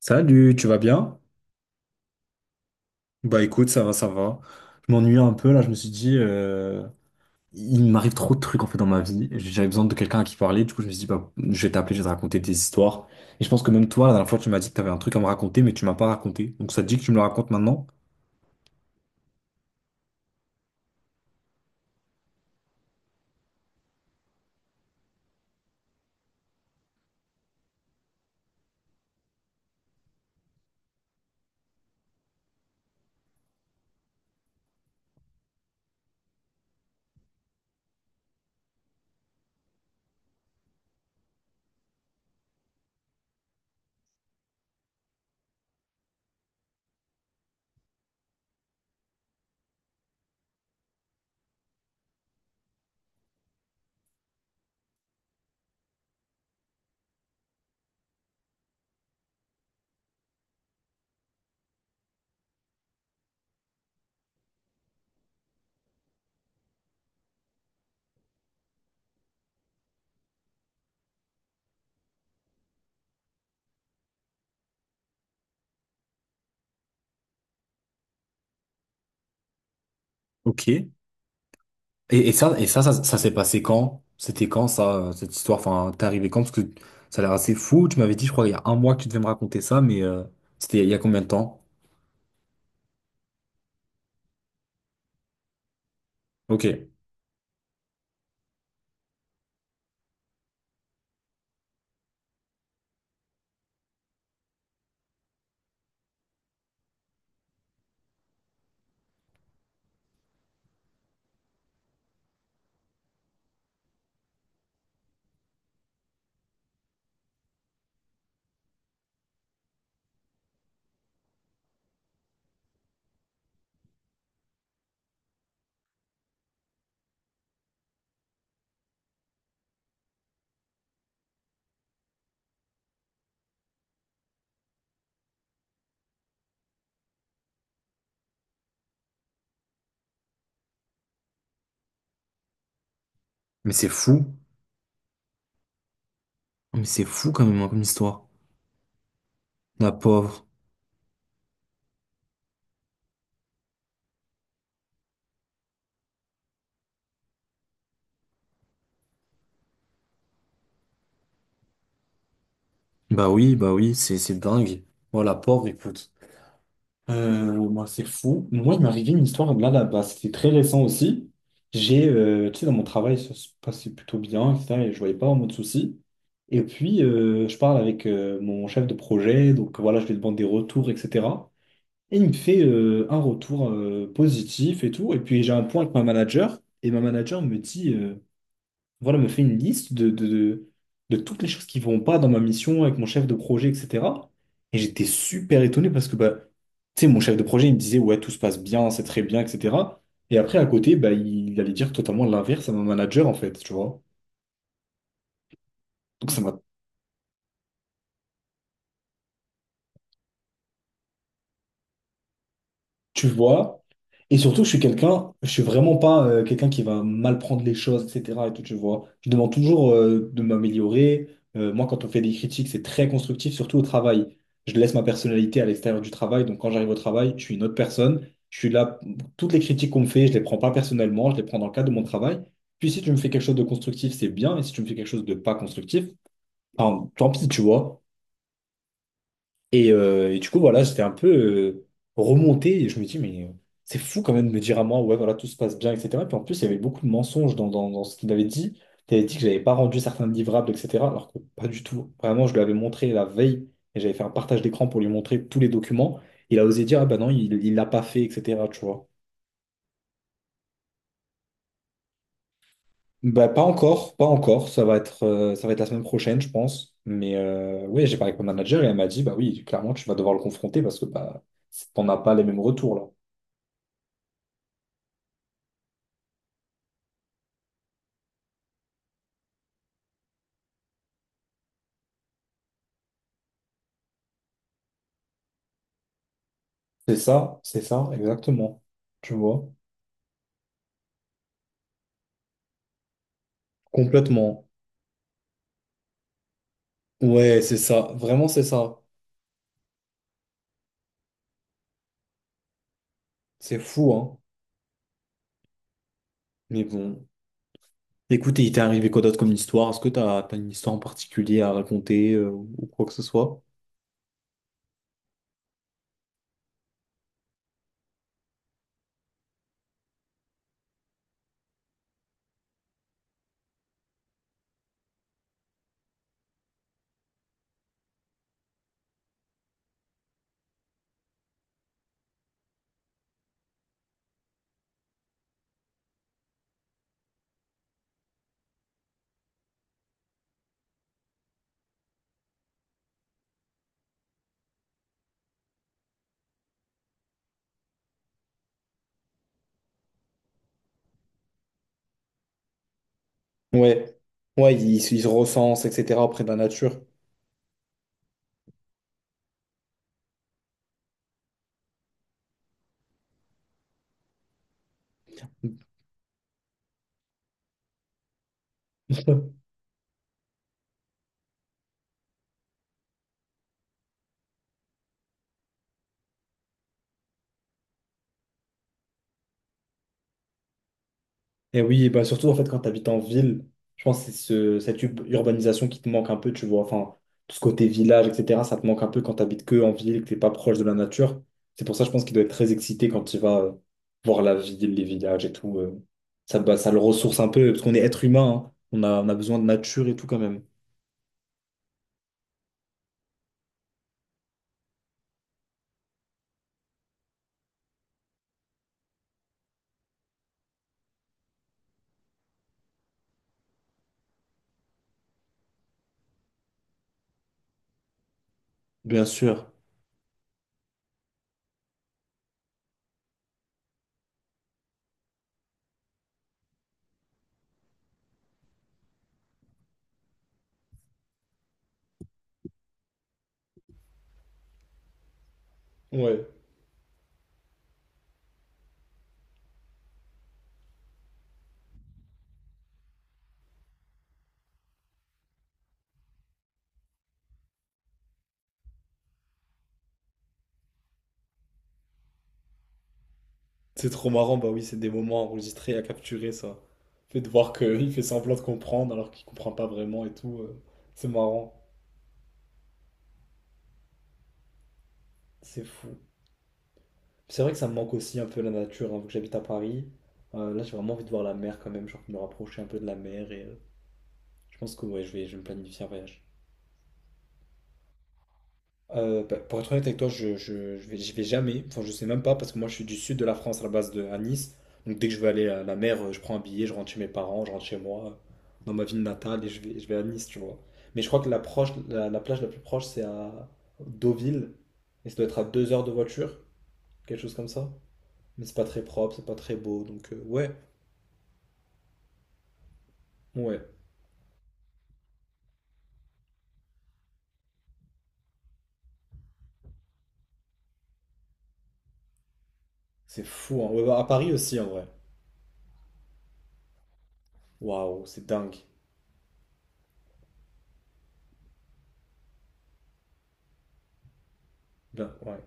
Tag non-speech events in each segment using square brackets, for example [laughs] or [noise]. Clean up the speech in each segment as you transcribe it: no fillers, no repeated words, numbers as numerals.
Salut, tu vas bien? Bah écoute, ça va, ça va. Je m'ennuie un peu là, je me suis dit, il m'arrive trop de trucs en fait dans ma vie. J'avais besoin de quelqu'un à qui parler, du coup je me suis dit, bah, je vais t'appeler, je vais te raconter des histoires. Et je pense que même toi, la dernière fois, tu m'as dit que tu avais un truc à me raconter, mais tu m'as pas raconté. Donc ça te dit que tu me le racontes maintenant? Ok. Et ça s'est passé quand? C'était quand ça, cette histoire? Enfin, t'es arrivé quand? Parce que ça a l'air assez fou. Tu m'avais dit, je crois, il y a 1 mois que tu devais me raconter ça, mais c'était il y a combien de temps? Ok. Mais c'est fou. Mais c'est fou quand même, hein, comme histoire. La pauvre. Bah oui, c'est dingue. Moi, la pauvre, écoute. Moi, c'est fou. Moi, il m'est arrivé une histoire là, là-bas. C'était très récent aussi. J'ai, tu sais, dans mon travail, ça se passait plutôt bien, etc. Et je voyais pas vraiment de soucis. Et puis, je parle avec mon chef de projet. Donc, voilà, je lui demande des retours, etc. Et il me fait un retour positif et tout. Et puis, j'ai un point avec ma manager. Et ma manager me dit. Voilà, me fait une liste de toutes les choses qui vont pas dans ma mission avec mon chef de projet, etc. Et j'étais super étonné parce que, bah, tu sais, mon chef de projet, il me disait, ouais, tout se passe bien, c'est très bien, etc. Et après, à côté, bah, il allait dire totalement l'inverse à mon manager, en fait, tu vois. Donc, ça m'a tu vois. Et surtout, je suis quelqu'un, je suis vraiment pas quelqu'un qui va mal prendre les choses, etc. Et tout, tu vois. Je demande toujours de m'améliorer. Moi, quand on fait des critiques, c'est très constructif, surtout au travail. Je laisse ma personnalité à l'extérieur du travail. Donc, quand j'arrive au travail, je suis une autre personne. Je suis là. Toutes les critiques qu'on me fait, je les prends pas personnellement. Je les prends dans le cadre de mon travail. Puis, si tu me fais quelque chose de constructif, c'est bien. Et si tu me fais quelque chose de pas constructif, enfin, tant pis, tu vois. Et du coup, voilà, j'étais un peu remonté et je me dis, mais c'est fou quand même de me dire à moi, ouais, voilà, tout se passe bien, etc. Puis en plus, il y avait beaucoup de mensonges dans ce qu'il avait dit. Il avait dit que j'avais pas rendu certains livrables, etc. Alors que pas du tout. Vraiment, je lui avais montré la veille et j'avais fait un partage d'écran pour lui montrer tous les documents. Il a osé dire, ah bah non, il l'a pas fait, etc. Tu vois. Bah, pas encore, pas encore. Ça va être la semaine prochaine, je pense. Mais ouais, j'ai parlé avec mon manager et elle m'a dit, bah oui, clairement, tu vas devoir le confronter parce que bah, t'en as pas les mêmes retours là. C'est ça, exactement. Tu vois? Complètement. Ouais, c'est ça. Vraiment, c'est ça. C'est fou, hein. Mais bon. Écoute, il t'est arrivé quoi d'autre comme histoire? Est-ce que t'as une histoire en particulier à raconter ou quoi que ce soit? Ouais. Ouais, ils se recensent, etc. près de la nature. [laughs] Et oui, bah surtout en fait quand tu habites en ville, je pense que c'est cette urbanisation qui te manque un peu, tu vois. Enfin, tout ce côté village, etc., ça te manque un peu quand tu habites que en ville, que tu n'es pas proche de la nature. C'est pour ça, je pense qu'il doit être très excité quand il va voir la ville, les villages et tout. Ça, bah, ça le ressource un peu, parce qu'on est être humain, hein. On a besoin de nature et tout quand même. Bien sûr. Ouais, c'est trop marrant, bah oui, c'est des moments à enregistrer, à capturer ça. Fait de voir qu'il [laughs] fait semblant de comprendre alors qu'il comprend pas vraiment et tout, c'est marrant, c'est fou. C'est vrai que ça me manque aussi un peu la nature, hein, vu que j'habite à Paris. Là, j'ai vraiment envie de voir la mer quand même, genre me rapprocher un peu de la mer et je pense que ouais, je vais me planifier un voyage. Bah, pour être honnête avec toi, j'y vais jamais, enfin je sais même pas parce que moi je suis du sud de la France à la base de à Nice. Donc dès que je veux aller à la mer, je prends un billet, je rentre chez mes parents, je rentre chez moi, dans ma ville natale et je vais à Nice, tu vois. Mais je crois que la plage la plus proche c'est à Deauville et ça doit être à 2 heures de voiture, quelque chose comme ça. Mais c'est pas très propre, c'est pas très beau, donc ouais. Ouais, c'est fou. Hein. Ouais, bah, à Paris aussi, en vrai. Waouh, c'est dingue. Ben, ouais.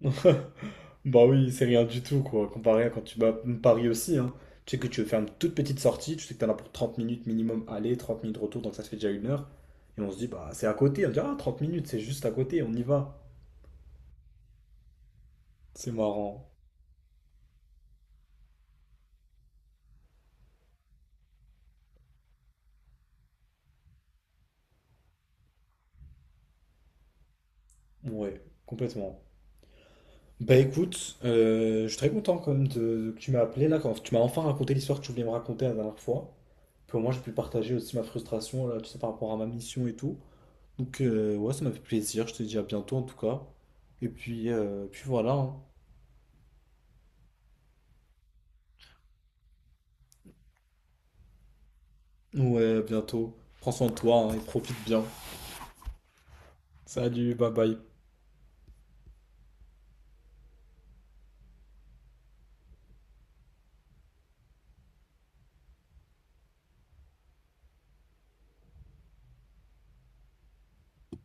[laughs] Bah oui, c'est rien du tout, quoi, comparé à quand tu vas à Paris aussi, hein. Tu sais que tu veux faire une toute petite sortie, tu sais que t'en as pour 30 minutes minimum aller, 30 minutes retour, donc ça se fait déjà 1 heure. Et on se dit, bah c'est à côté, on dit, ah, 30 minutes, c'est juste à côté, on y va. C'est marrant. Ouais, complètement. Bah écoute, je suis très content quand même que tu m'as appelé là, quand tu m'as enfin raconté l'histoire que tu voulais me raconter la dernière fois. Puis au moins j'ai pu partager aussi ma frustration là, tu sais, par rapport à ma mission et tout. Donc ouais, ça m'a fait plaisir, je te dis à bientôt en tout cas. Et puis, puis voilà. hein. Ouais, à bientôt. Prends soin de toi hein, et profite bien. Salut, bye bye.